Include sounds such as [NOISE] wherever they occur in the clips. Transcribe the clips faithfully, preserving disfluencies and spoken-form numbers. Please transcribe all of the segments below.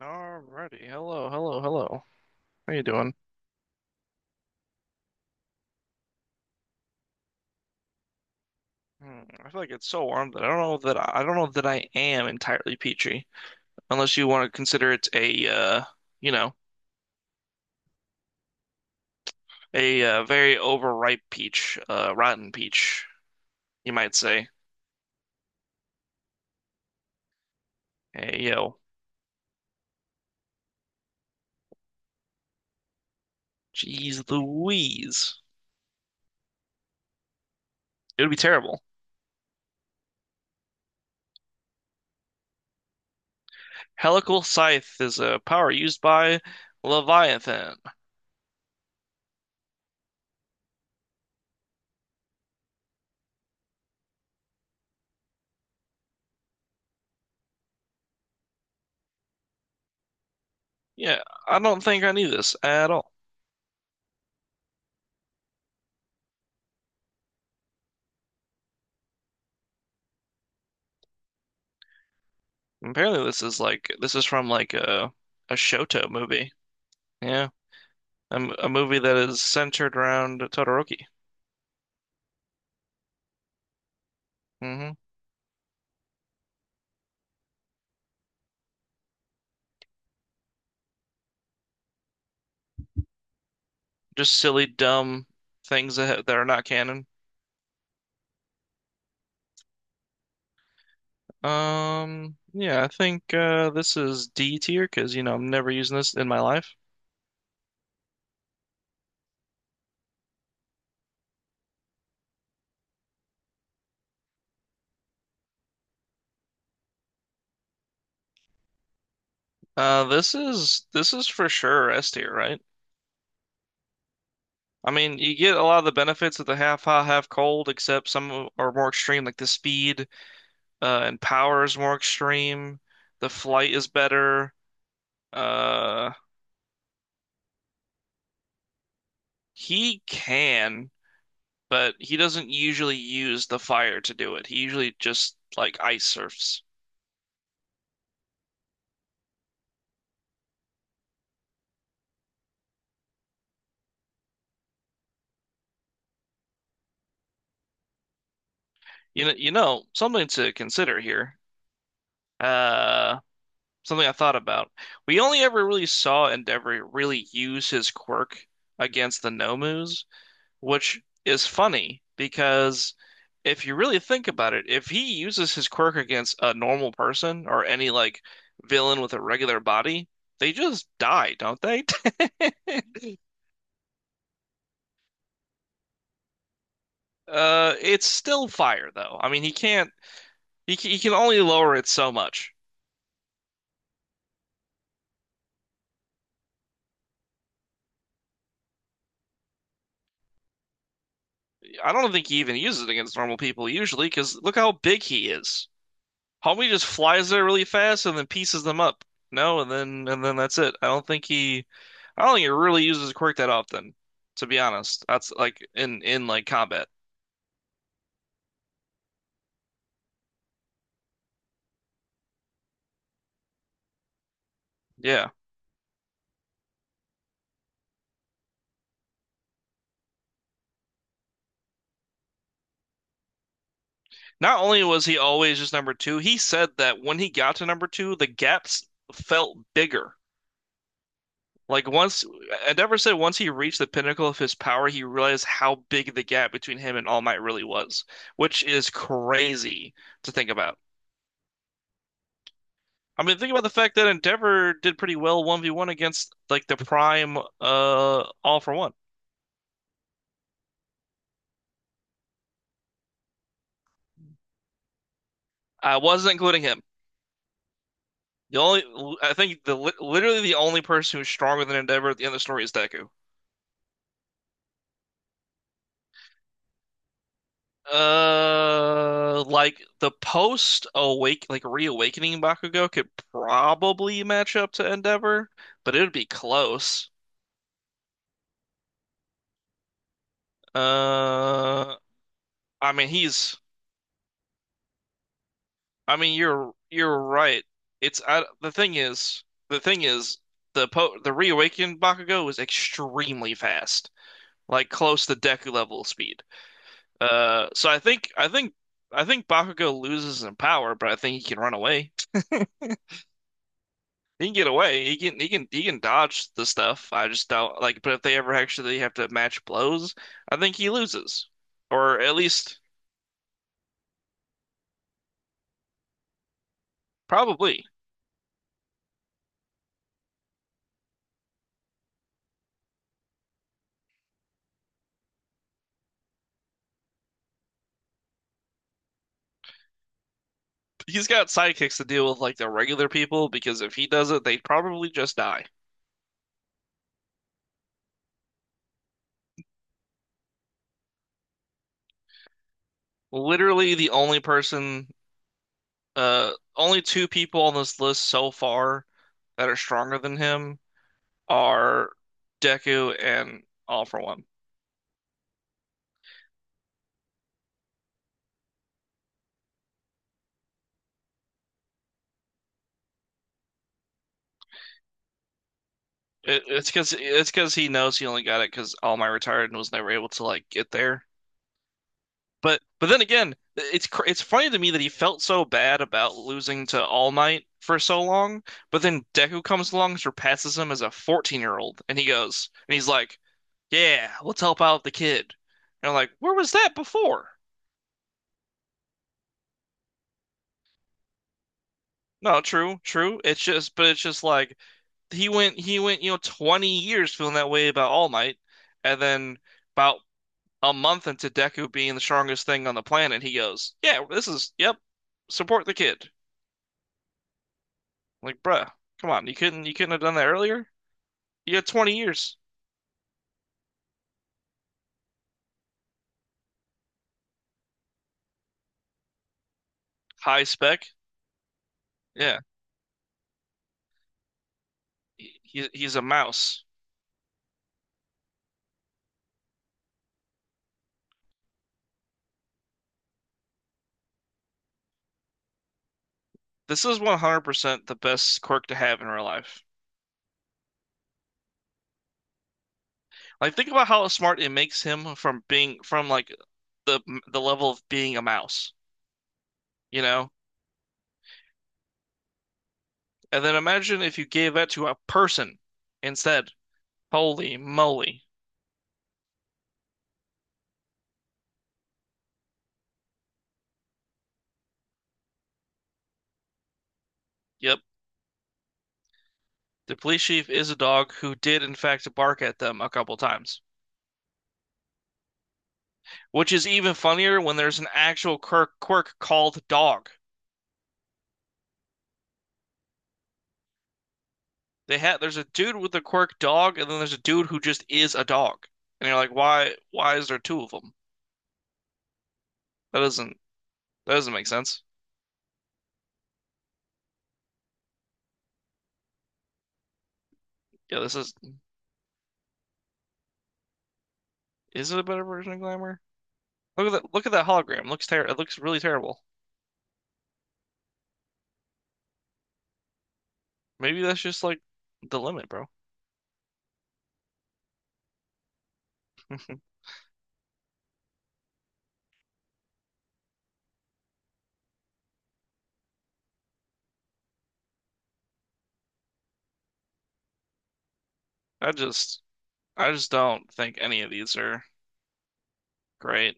Alrighty. Hello, hello, hello. How you doing? Hmm, I feel like it's so warm that I don't know that I, I don't know that I am entirely peachy, unless you want to consider it a uh, you know, a uh, very overripe peach, uh, rotten peach, you might say. Hey yo, jeez Louise, it would be terrible. Helical Scythe is a power used by Leviathan. Yeah, I don't think I knew this at all. Apparently, this is like this is from like a a Shoto movie. Yeah. A, m- a movie that is centered around Todoroki. Hmm Just silly, dumb things that ha- that are not canon. Um, yeah, I think uh, this is D tier because you know I'm never using this in my life. Uh, this is this is for sure S tier, right? I mean, you get a lot of the benefits of the half hot, half cold, except some are more extreme, like the speed uh, and power is more extreme. The flight is better. Uh, he can. But he doesn't usually use the fire to do it. He usually just like ice surfs. You know, you know, something to consider here. Uh, Something I thought about. We only ever really saw Endeavor really use his quirk against the Nomus, which is funny because if you really think about it, if he uses his quirk against a normal person or any like villain with a regular body, they just die, don't they? [LAUGHS] Uh, it's still fire though. I mean, he can't. He he can only lower it so much. I don't think he even uses it against normal people usually, because look how big he is. Homie just flies there really fast and then pieces them up. No, and then and then that's it. I don't think he. I don't think he really uses quirk that often, to be honest. That's like in in like combat. Yeah. Not only was he always just number two, he said that when he got to number two, the gaps felt bigger. Like once Endeavor said once he reached the pinnacle of his power, he realized how big the gap between him and All Might really was, which is crazy to think about. I mean, think about the fact that Endeavor did pretty well one v one against like the prime uh All for One. I wasn't including him. The only I think the literally the only person who's stronger than Endeavor at the end of the story is Deku. Uh, like the post awake, like reawakening Bakugo could probably match up to Endeavor, but it would be close. Uh, I mean he's, I mean you're you're right. It's I, the thing is, the thing is the po the reawakened Bakugo is extremely fast, like close to Deku level speed. Uh, so I think I think I think Bakugo loses in power, but I think he can run away. He can get away. He can he can he can dodge the stuff. I just don't like. But if they ever actually have to match blows, I think he loses, or at least probably. He's got sidekicks to deal with like the regular people because if he does it, they probably just die. Literally, the only person, uh, only two people on this list so far that are stronger than him are Deku and All For One. It, it's because it's because he knows he only got it because All Might retired and was never able to like get there. But but then again, it's cr- it's funny to me that he felt so bad about losing to All Might for so long, but then Deku comes along, surpasses him as a fourteen-year-old, and he goes, and he's like, "Yeah, let's help out the kid." And I'm like, "Where was that before?" No, true, true. It's just, but it's just like he went, he went, you know, twenty years feeling that way about All Might, and then about a month into Deku being the strongest thing on the planet, he goes, "Yeah, this is, yep, support the kid." Like, bruh, come on, you couldn't you couldn't have done that earlier? You had twenty years. High spec. Yeah. He, he- he's a mouse. This is one hundred percent the best quirk to have in real life. Like, think about how smart it makes him from being from like the the level of being a mouse, you know? And then imagine if you gave that to a person instead. Holy moly. Yep. The police chief is a dog who did in fact bark at them a couple times, which is even funnier when there's an actual quirk, quirk called dog. They had there's a dude with a quirk dog, and then there's a dude who just is a dog. And you're like, why why is there two of them? That doesn't that doesn't make sense. Yeah, this is is it a better version of Glamour? Look at that look at that hologram. It Looks ter it looks really terrible. Maybe that's just like the limit, bro. [LAUGHS] I just I just don't think any of these are great.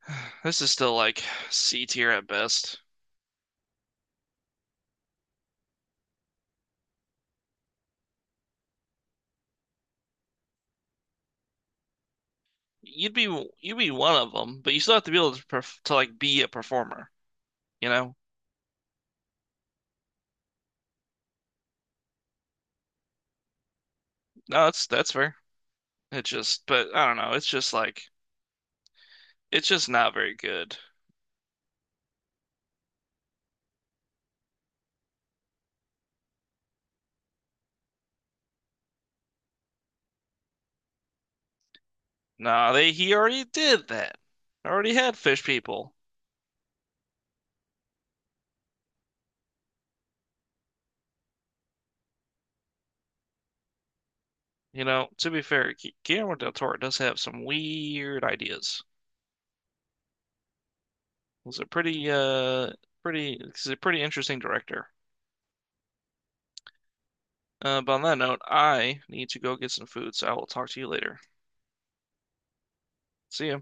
[SIGHS] This is still like C tier at best. You'd be you'd be one of them, but you still have to be able to perf to like be a performer, you know? No, that's that's fair. It just, but I don't know. It's just like it's just not very good. Nah, they he already did that. Already had fish people. You know, to be fair, Gu- Guillermo del Toro does have some weird ideas. He's a pretty, uh, pretty, he's a pretty interesting director. Uh, but on that note, I need to go get some food, so I will talk to you later. See ya.